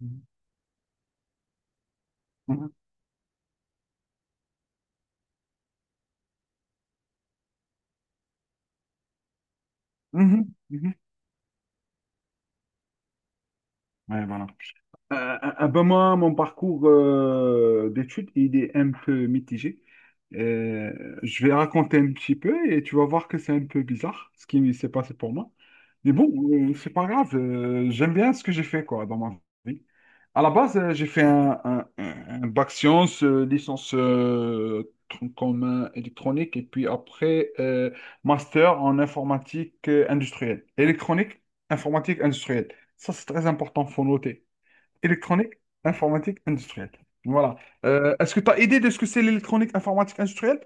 Mhm. Mhm. Mhm. Mhm. Ouais, voilà. Ben moi, mon parcours d'études, il est un peu mitigé. Euh, je vais raconter un petit peu et tu vas voir que c'est un peu bizarre ce qui s'est passé pour moi. Mais bon, c'est pas grave. J'aime bien ce que j'ai fait quoi dans ma vie. À la base, j'ai fait bac sciences, licence tronc commun électronique et puis après master en informatique industrielle, électronique, informatique industrielle. Ça, c'est très important, faut noter. Électronique, informatique, industrielle. Voilà. Est-ce que tu as idée de ce que c'est l'électronique, informatique, industrielle?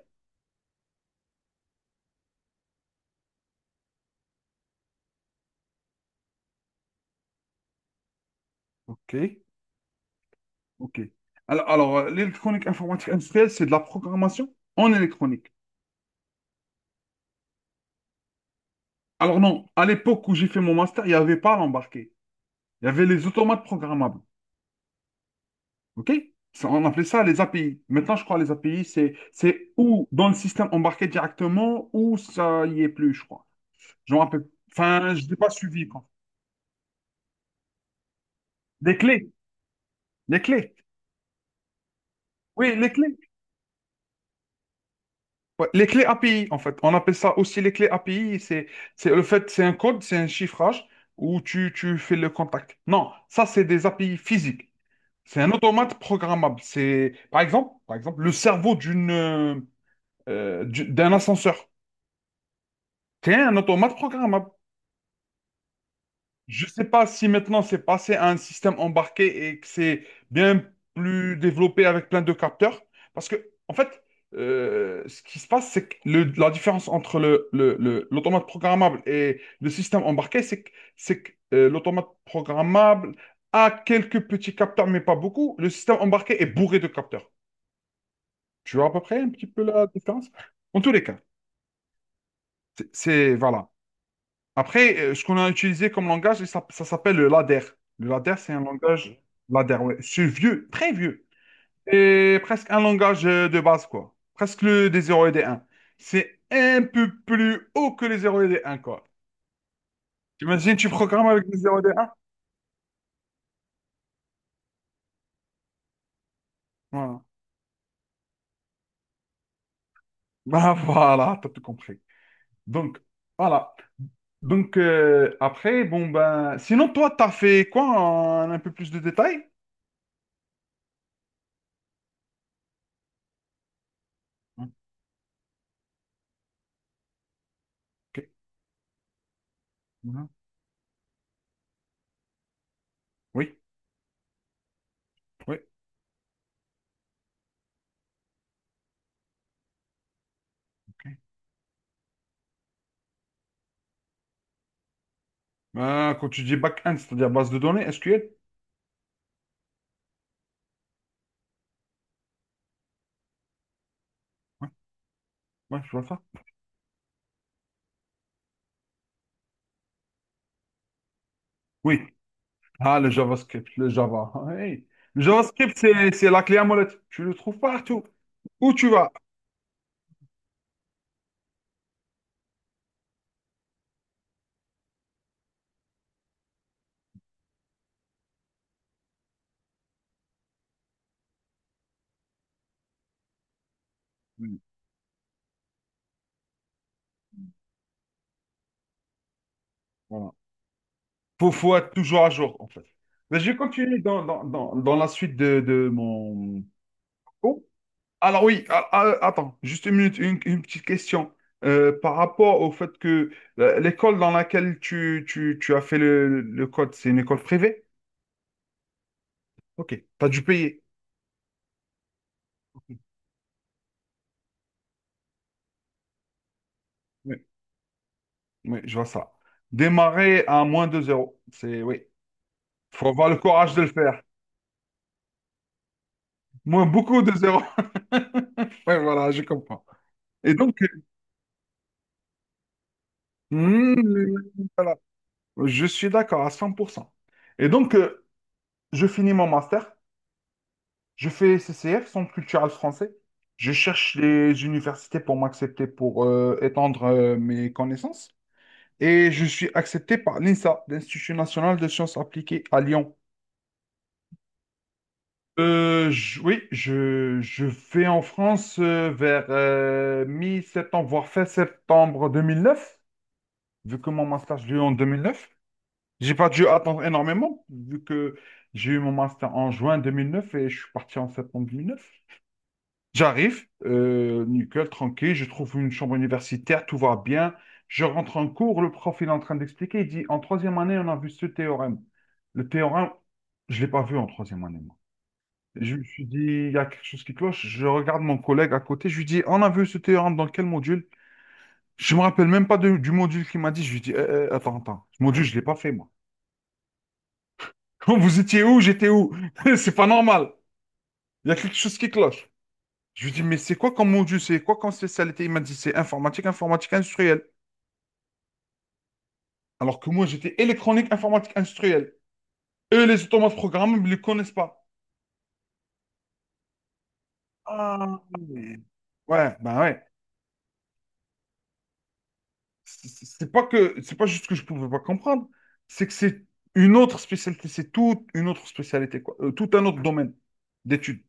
Ok, ok. L'électronique, informatique, industrielle, c'est de la programmation en électronique. Alors non, à l'époque où j'ai fait mon master, il n'y avait pas l'embarqué. Il y avait les automates programmables. Ok? Ça, on appelait ça les API. Maintenant, je crois les API, c'est ou dans le système embarqué directement ou ça y est plus, je crois. Je me rappelle. Enfin, je n'ai pas suivi, quoi. Les clés, les clés. Oui, les clés. Ouais, les clés API, en fait. On appelle ça aussi les clés API. C'est le fait, c'est un code, c'est un chiffrage où tu fais le contact. Non, ça, c'est des API physiques. C'est un automate programmable. C'est, par exemple, le cerveau d'une, d'un ascenseur. C'est un automate programmable. Je ne sais pas si maintenant c'est passé à un système embarqué et que c'est bien plus développé avec plein de capteurs. Parce que, en fait, ce qui se passe, c'est que la différence entre l'automate programmable et le système embarqué, c'est que, l'automate programmable a quelques petits capteurs, mais pas beaucoup. Le système embarqué est bourré de capteurs. Tu vois à peu près un petit peu la différence? En tous les cas, voilà. Après, ce qu'on a utilisé comme langage, ça s'appelle le ladder. Le ladder, c'est un langage. Ok, ladder, ouais. C'est vieux, très vieux. C'est presque un langage de base, quoi. Presque le des 0 et des 1. C'est un peu plus haut que les 0 et les 1, quoi. T'imagines, tu programmes avec les 0 et des 1? Voilà. Bah voilà, t'as tout compris. Donc, voilà. Donc, après, bon, ben... Sinon, toi, t'as fait quoi en un peu plus de détails? Ok. Mhm. Oui, oui. Ok. Quand tu dis back-end, c'est-à-dire base de données, SQL? Ouais, je vois ça. Oui. Ah, le JavaScript, le Java. Hey. Le JavaScript, c'est la clé à molette. Tu le trouves partout. Où tu vas. Oui, voilà. Faut être toujours à jour, en fait. Mais je vais continuer dans la suite de mon cours. Alors oui, attends, juste une minute, une petite question. Par rapport au fait que l'école dans laquelle tu as fait le code, c'est une école privée? Ok, tu as dû payer. Ok. Ouais. Oui, je vois ça. Démarrer à moins 2 zéro. C'est, oui. Faut avoir le courage de le faire. Moins beaucoup de zéro. Ouais, voilà, je comprends. Et donc, hmm, voilà. Je suis d'accord à 100%. Et donc, je finis mon master. Je fais CCF, Centre culturel français. Je cherche les universités pour m'accepter, pour étendre mes connaissances. Et je suis accepté par l'INSA, l'Institut national de sciences appliquées à Lyon. Oui, je vais en France vers mi-septembre, voire fin septembre 2009, vu que mon master, je l'ai eu en 2009. J'ai pas dû attendre énormément, vu que j'ai eu mon master en juin 2009 et je suis parti en septembre 2009. J'arrive, nickel, tranquille, je trouve une chambre universitaire, tout va bien. Je rentre en cours, le prof, il est en train d'expliquer, il dit, en troisième année, on a vu ce théorème. Le théorème, je ne l'ai pas vu en troisième année. Je me suis dit, il y a quelque chose qui cloche. Je regarde mon collègue à côté. Je lui dis, on a vu ce théorème dans quel module? Je me rappelle même pas du module qu'il m'a dit. Je lui dis, eh, eh, attends, attends. Ce module, je l'ai pas fait, moi. Vous étiez où? J'étais où? C'est pas normal. Il y a quelque chose qui cloche. Je lui dis, mais c'est quoi comme module? C'est quoi comme spécialité? Il m'a dit, c'est informatique, informatique industrielle. Alors que moi, j'étais électronique, informatique industrielle. Eux, les automates programmables, ils ne les connaissent pas. Ah, mais- ouais, ben ouais. C'est pas que c'est pas juste que je pouvais pas comprendre, c'est que c'est une autre spécialité, c'est toute une autre spécialité, quoi. Tout un autre domaine d'études.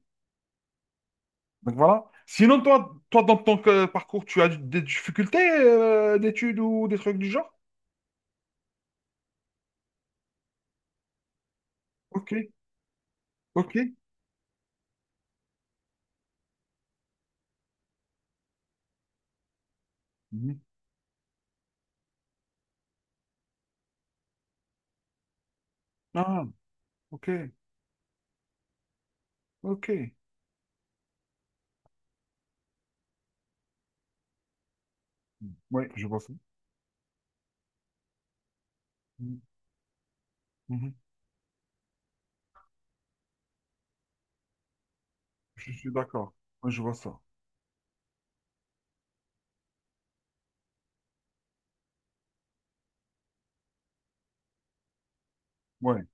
Donc voilà. Sinon, toi, dans ton parcours, tu as des difficultés d'études ou des trucs du genre? Ok, ok. Mhm. Ah, ok, ok. Oui, je vois ça. Mhm, mhm. Je suis d'accord. Ouais, je vois ça. Ouais,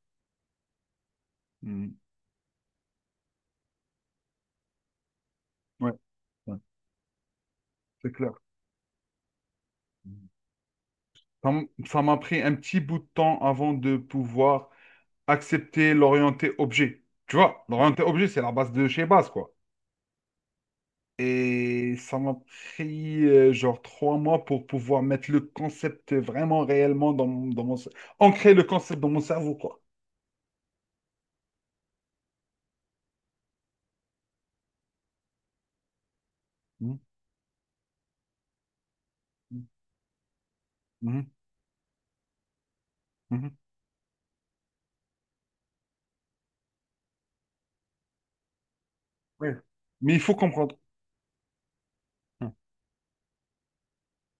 mhm, ouais, ouais, c'est clair. Mhm. Ça m'a pris un petit bout de temps avant de pouvoir accepter l'orienté objet. Tu vois, l'orienté objet, c'est la base de chez base, quoi. Et ça m'a pris genre 3 mois pour pouvoir mettre le concept vraiment réellement dans mon, ancrer le concept dans mon cerveau, quoi. Mhm, mhm, mhm. Ouais. Mais il faut comprendre. Mhm,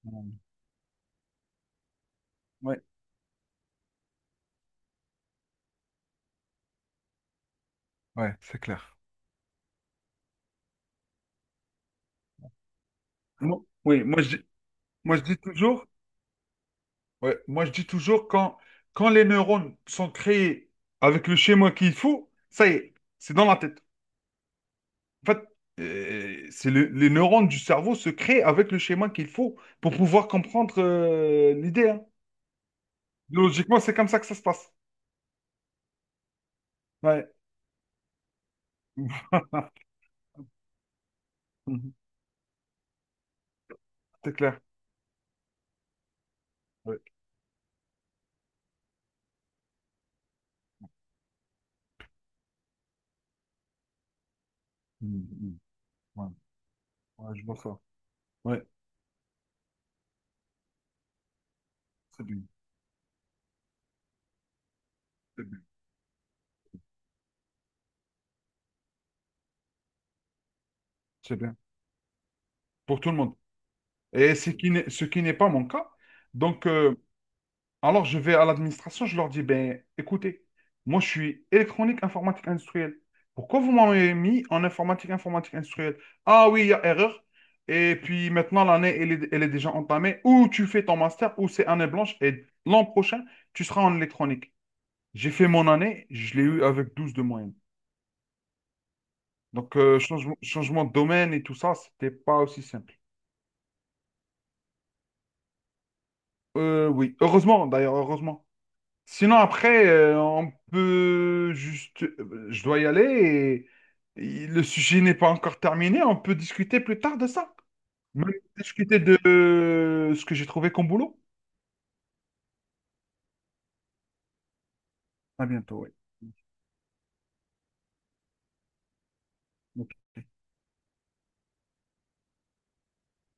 mhm. Ouais. Ouais, c'est clair. Oui, moi je dis toujours, ouais, moi je dis toujours quand, quand les neurones sont créés avec le schéma qu'il faut, ça y est, c'est dans la tête. En fait, les neurones du cerveau se créent avec le schéma qu'il faut pour pouvoir comprendre l'idée, hein. Logiquement, c'est comme ça que ça se passe. Ouais. C'est clair. Ouais. Mm, mm. Ouais. Ouais, je vois ça. Ouais, c'est bien. C'est bien. C'est bien. Pour tout le monde. Et ce qui n'est pas mon cas. Donc, alors, je vais à l'administration, je leur dis, ben, écoutez, moi, je suis électronique, informatique industrielle. Pourquoi vous m'avez mis en informatique, informatique industrielle? Ah oui, il y a erreur. Et puis maintenant, l'année, elle est déjà entamée. Ou tu fais ton master, ou c'est année blanche. Et l'an prochain, tu seras en électronique. J'ai fait mon année, je l'ai eu avec 12 de moyenne. Donc, changement de domaine et tout ça, c'était pas aussi simple. Oui, heureusement, d'ailleurs, heureusement. Sinon, après, on peut juste... Je dois y aller et le sujet n'est pas encore terminé. On peut discuter plus tard de ça. On discuter de ce que j'ai trouvé comme boulot. À bientôt, ouais.